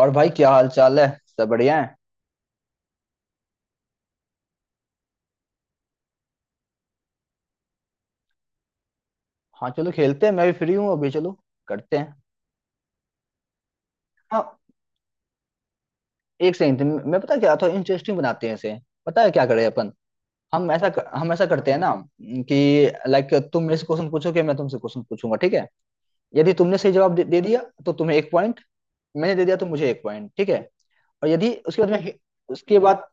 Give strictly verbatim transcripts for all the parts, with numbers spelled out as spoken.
और भाई क्या हाल चाल है? सब बढ़िया है। हाँ चलो खेलते हैं, मैं भी फ्री हूँ अभी। चलो करते हैं। हाँ एक सेकंड। मैं पता है क्या था, इंटरेस्टिंग बनाते हैं इसे। पता है क्या करें अपन। हम ऐसा हम ऐसा करते हैं ना? कि लाइक तुम मेरे से क्वेश्चन पूछोगे, मैं तुमसे क्वेश्चन पूछूंगा, ठीक है? यदि तुमने सही जवाब दे, दे दिया तो तुम्हें एक पॉइंट। मैंने दे दिया तो मुझे एक पॉइंट, ठीक है। और यदि उसके बाद में हि- उसके बाद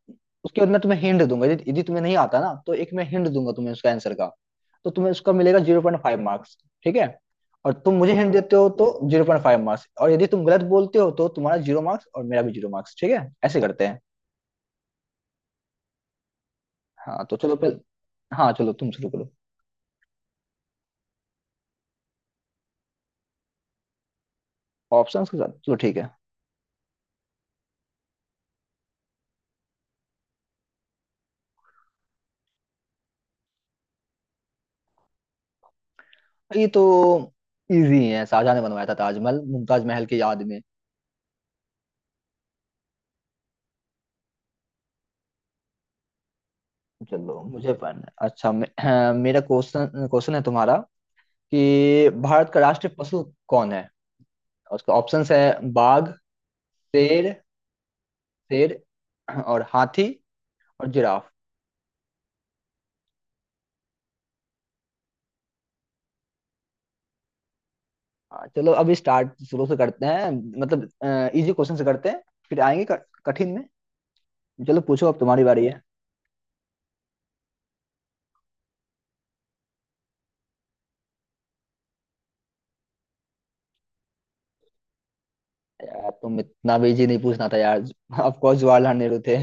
उसके बाद मैं तुम्हें हिंट दूंगा। यदि यदि तुम्हें नहीं आता ना, तो एक मैं हिंट दूंगा तुम्हें उसका आंसर का। तो तुम्हें उसका मिलेगा जीरो पॉइंट फाइव मार्क्स, ठीक है। और तुम मुझे हिंट देते हो तो जीरो पॉइंट फाइव मार्क्स, और यदि तुम गलत बोलते हो तो तुम्हारा जीरो मार्क्स और मेरा भी जीरो मार्क्स, ठीक है? ऐसे करते हैं। हाँ तो चलो फिर। हाँ चलो तुम शुरू करो। ऑप्शन के साथ, चलो ठीक है। ये तो इजी है। शाहजहां ने बनवाया था ताजमहल, मुमताज महल की याद में। चलो मुझे पढ़ना अच्छा मे, मेरा क्वेश्चन क्वेश्चन है तुम्हारा, कि भारत का राष्ट्रीय पशु कौन है? उसका ऑप्शंस है बाघ, शेर शेर, और हाथी, और जिराफ। हाँ, चलो अब स्टार्ट शुरू से करते हैं। मतलब इजी क्वेश्चन से करते हैं, फिर आएंगे क- कठिन में। चलो पूछो, अब तुम्हारी बारी है। यार तुम इतना भी इजी नहीं पूछना था यार। ऑफ कोर्स जवाहरलाल नेहरू थे।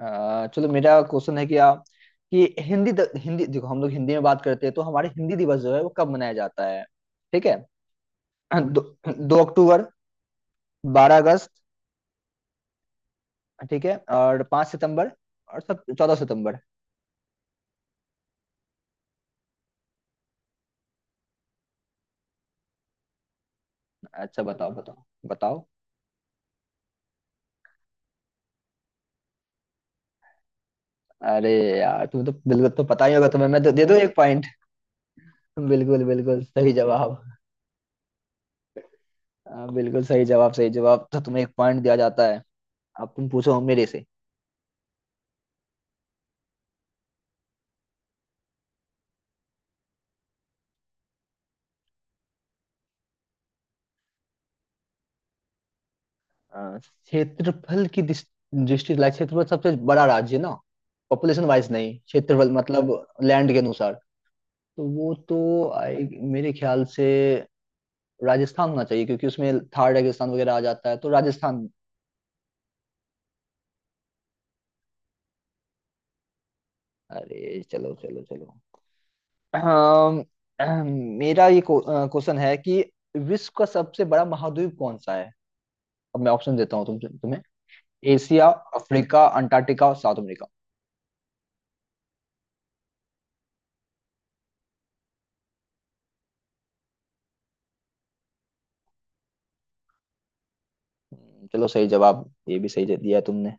अ, चलो मेरा क्वेश्चन है कि आप, कि हिंदी द, हिंदी, देखो हम लोग हिंदी में बात करते हैं तो हमारे हिंदी दिवस जो है वो कब मनाया जाता है, ठीक है? दो, दो अक्टूबर, बारह अगस्त, ठीक है, और पाँच सितंबर, और सब चौदह सितंबर। अच्छा बताओ बताओ, बताओ। अरे यार तुम्हें तो बिल्कुल तो पता ही होगा तुम्हें, मैं तो दे दूं एक पॉइंट। बिल्कुल बिल्कुल सही जवाब। हाँ, बिल्कुल सही जवाब, सही जवाब, तो तुम्हें एक पॉइंट दिया जाता है। अब तुम पूछो मेरे से। अ, क्षेत्रफल की दिस- दृष्टि, लाइक क्षेत्रफल सबसे बड़ा राज्य है ना? पॉपुलेशन वाइज नहीं, क्षेत्रफल, मतलब लैंड के अनुसार। तो वो तो I- मेरे ख्याल से राजस्थान होना चाहिए क्योंकि उसमें थार रेगिस्तान वगैरह आ जाता है, तो राजस्थान। अरे चलो चलो चलो। अम, अम, मेरा ये क्वेश्चन है कि विश्व का सबसे बड़ा महाद्वीप कौन सा है? अब मैं ऑप्शन देता हूँ तुम, तुम्हें: एशिया, अफ्रीका, अंटार्कटिका और साउथ अमेरिका। हम्म, चलो सही जवाब, ये भी सही दे दिया तुमने।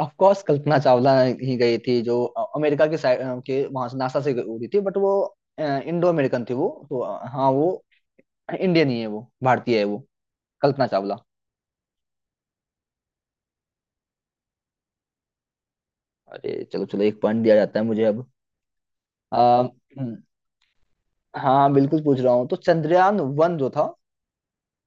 ऑफ कोर्स कल्पना चावला ही गई थी, जो अ, अमेरिका के साइड अ, के वहां से नासा से उड़ी थी, बट वो इंडो अमेरिकन थी वो, तो अ, हाँ वो इंडियन ही है, वो भारतीय है वो, कल्पना चावला। अरे चलो चलो, एक पॉइंट दिया जाता है मुझे। अब हाँ हाँ, बिल्कुल पूछ रहा हूँ। तो चंद्रयान वन जो था,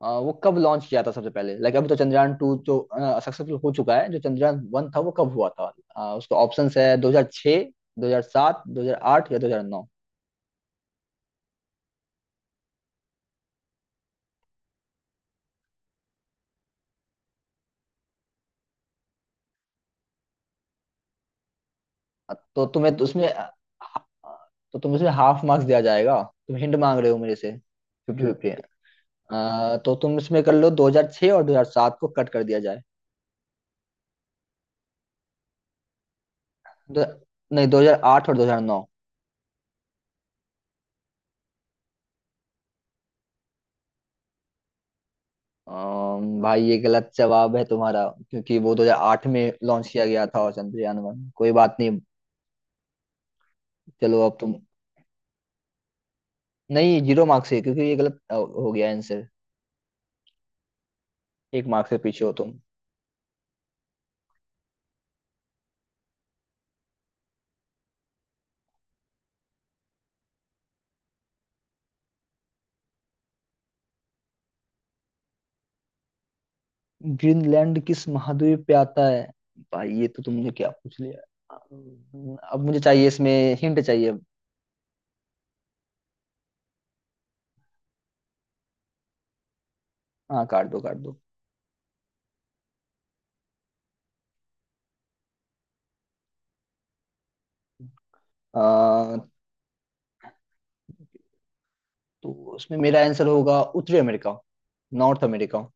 अ, वो कब लॉन्च किया था सबसे पहले, लाइक अभी तो चंद्रयान टू जो सक्सेसफुल हो चुका है, जो चंद्रयान वन था वो कब हुआ था? अ, उसका ऑप्शंस है दो हज़ार छह, दो हज़ार सात, दो हज़ार आठ या दो हज़ार नौ। तो तुम्हें तो उसमें अ, तो तुम्हें उसमें हाफ मार्क्स दिया जाएगा, तुम हिंट मांग रहे हो मेरे से, फिफ्टी फिफ्टी। तो तुम इसमें कर लो, दो हज़ार छह और दो हज़ार सात को कट कर दिया जाए। दो, नहीं, दो हज़ार आठ और दो हज़ार नौ। अम्म, भाई ये गलत जवाब है तुम्हारा, क्योंकि वो दो हज़ार आठ में लॉन्च किया गया था और चंद्रयान वन, कोई बात नहीं। चलो अब तुम, नहीं जीरो मार्क्स है क्योंकि ये गलत अ, हो गया आंसर। एक मार्क्स से पीछे हो तुम। ग्रीनलैंड किस महाद्वीप पे आता है? भाई ये तो तुमने क्या पूछ लिया। अम्म, अब मुझे चाहिए इसमें, हिंट चाहिए। हाँ काट दो काट दो। आ, तो उसमें मेरा आंसर होगा उत्तरी America, north America.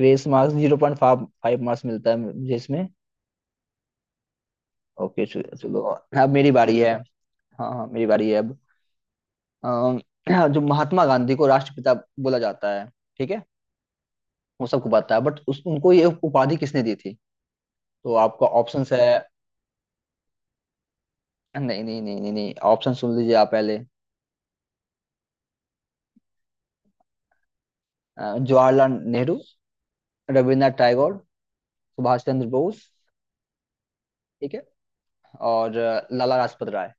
Grace marks, zero point five marks मिलता है मुझे इसमें। ओके चलो चलो, अब मेरी बारी है। हाँ हाँ, मेरी बारी है अब। अम, हाँ, जो महात्मा गांधी को राष्ट्रपिता बोला जाता है, ठीक है, वो सबको पता है, बट उस उनको ये उपाधि किसने दी थी? तो आपका ऑप्शंस है। नहीं नहीं नहीं नहीं नहीं, ऑप्शन सुन लीजिए आप पहले। अ, जवाहरलाल नेहरू, रविन्द्रनाथ टैगोर, सुभाष चंद्र बोस, ठीक है, और अ, लाला लाजपत राय।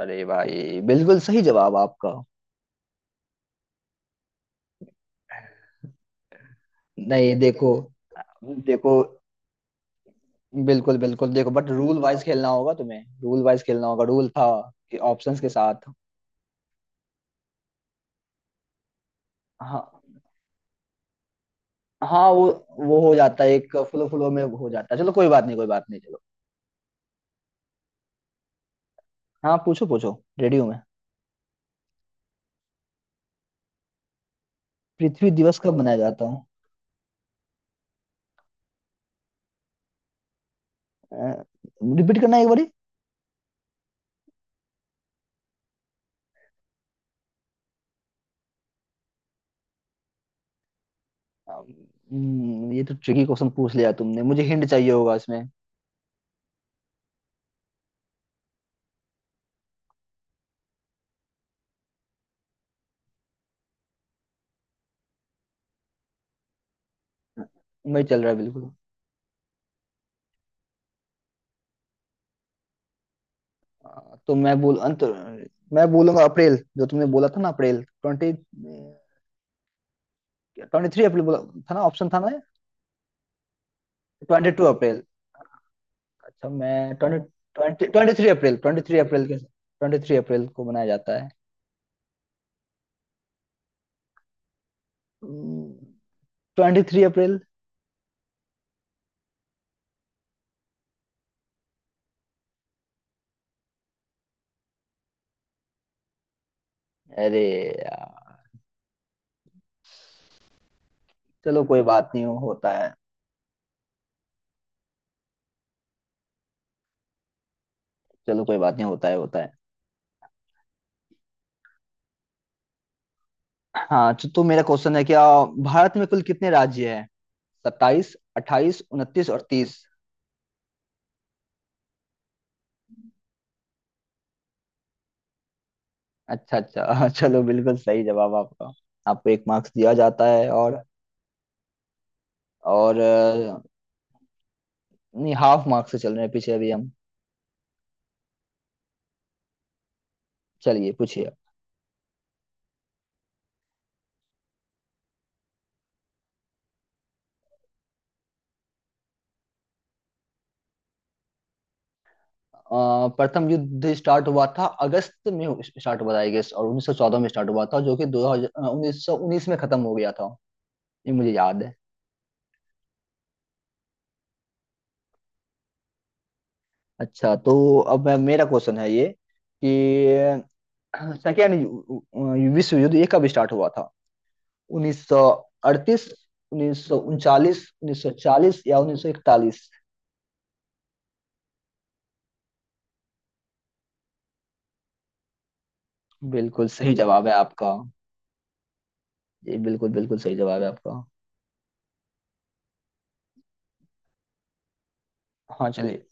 अरे भाई बिल्कुल सही जवाब आपका। नहीं देखो, देखो, बिल्कुल बिल्कुल, देखो बट रूल वाइज खेलना होगा तुम्हें, रूल वाइज खेलना होगा, रूल था कि ऑप्शंस के साथ। हाँ हाँ, वो वो हो जाता है, एक फ्लो फ्लो में हो जाता है। चलो कोई बात नहीं, कोई बात नहीं, चलो। हाँ पूछो पूछो, रेडी हूँ मैं। पृथ्वी दिवस कब मनाया जाता है? रिपीट करना एक बारी। हम्म, ये तो ट्रिकी क्वेश्चन पूछ लिया तुमने, मुझे हिंट चाहिए होगा इसमें। मैं चल रहा है बिल्कुल। अ, तो मैं बोल अंत मैं बोलूंगा अप्रैल, जो तुमने बोला था ना, April twenty, twenty three April बोला था ना, ऑप्शन था ना? Twenty two April. अच्छा मैं twenty twenty twenty three April, twenty three April के ट्वेंटी थ्री अप्रैल को मनाया जाता है। Twenty three April. अरे यार चलो कोई बात नहीं, हो होता है। चलो कोई बात नहीं, होता है होता है। हाँ तो, तो मेरा क्वेश्चन है क्या, भारत में कुल कितने राज्य हैं? सत्ताईस, अट्ठाईस, उनतीस और तीस। अच्छा अच्छा, चलो बिल्कुल सही जवाब आपका, आपको एक मार्क्स दिया जाता है। और और अ, नहीं, हाफ मार्क्स से चल रहे हैं पीछे अभी हम। चलिए पूछिए। अ, प्रथम युद्ध स्टार्ट हुआ था, अगस्त में स्टार्ट हुआ था आई गेस, और उन्नीस सौ चौदह में स्टार्ट हुआ था, जो कि दो हज़ार उन्नीस सौ उन्नीस में खत्म हो गया था, ये मुझे याद है। अच्छा तो अब मैं- मेरा क्वेश्चन है ये, कि सेकेंड यु- विश्व युद्ध ये कब स्टार्ट हुआ था? उन्नीस सौ अड़तीस, उन्नीस सौ उनतालीस, उन्नीस सौ चालीस या उन्नीस सौ इकतालीस? बिल्कुल सही जवाब है आपका। ये बिल्कुल बिल्कुल सही जवाब है आपका। हाँ चलिए।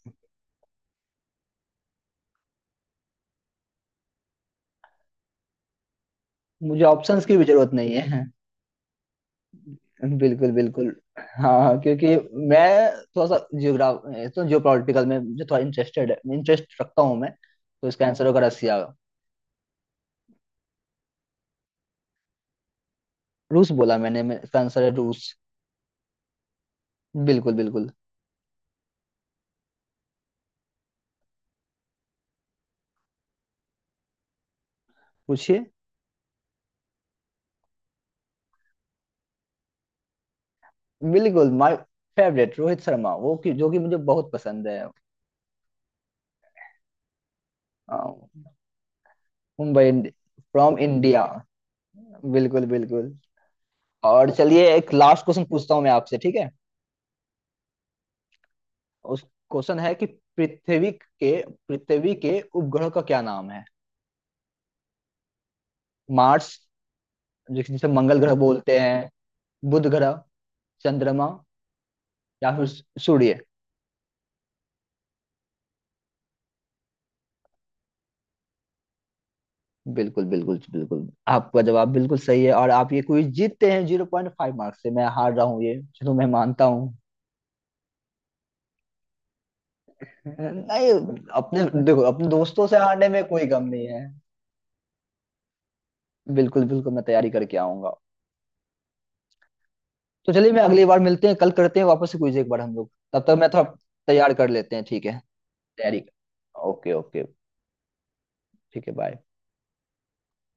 मुझे ऑप्शंस की भी जरूरत नहीं है। बिल्कुल बिल्कुल। हाँ क्योंकि मैं थोड़ा सा जियोग्राफ तो जियोपॉलिटिकल में मुझे थोड़ा इंटरेस्टेड है, इंटरेस्ट रखता हूँ मैं। तो इसका आंसर होगा रसिया। रूस बोला मैंने, मैं, इसका आंसर है रूस। बिल्कुल बिल्कुल। पूछिए। बिल्कुल माय फेवरेट रोहित शर्मा, वो कि जो कि मुझे बहुत पसंद है। आ, मुंबई, फ्रॉम इंडिया। बिल्कुल बिल्कुल। और चलिए, एक लास्ट क्वेश्चन पूछता हूँ मैं आपसे, ठीक है? उस क्वेश्चन है कि, पृथ्वी के पृथ्वी के उपग्रह का क्या नाम है? मार्स, जिस- जिसे मंगल ग्रह बोलते हैं, बुध ग्रह, चंद्रमा, या फिर सू- सूर्य। बिल्कुल बिल्कुल बिल्कुल, आपका जवाब बिल्कुल सही है और आप ये क्विज जीतते हैं। जीरो पॉइंट फाइव मार्क्स से मैं हार रहा हूँ ये, चलो मैं मानता हूँ। नहीं, अपने देखो, अपने दोस्तों से हारने में कोई गम नहीं है। बिल्कुल बिल्कुल, मैं तैयारी करके आऊंगा। तो चलिए, मैं अगली बार मिलते हैं, कल करते हैं वापस से क्विज एक बार हम लोग, तब तक मैं थोड़ा तैयार कर लेते हैं, ठीक है? तैयारी। Okay okay. ठीक है, बाय।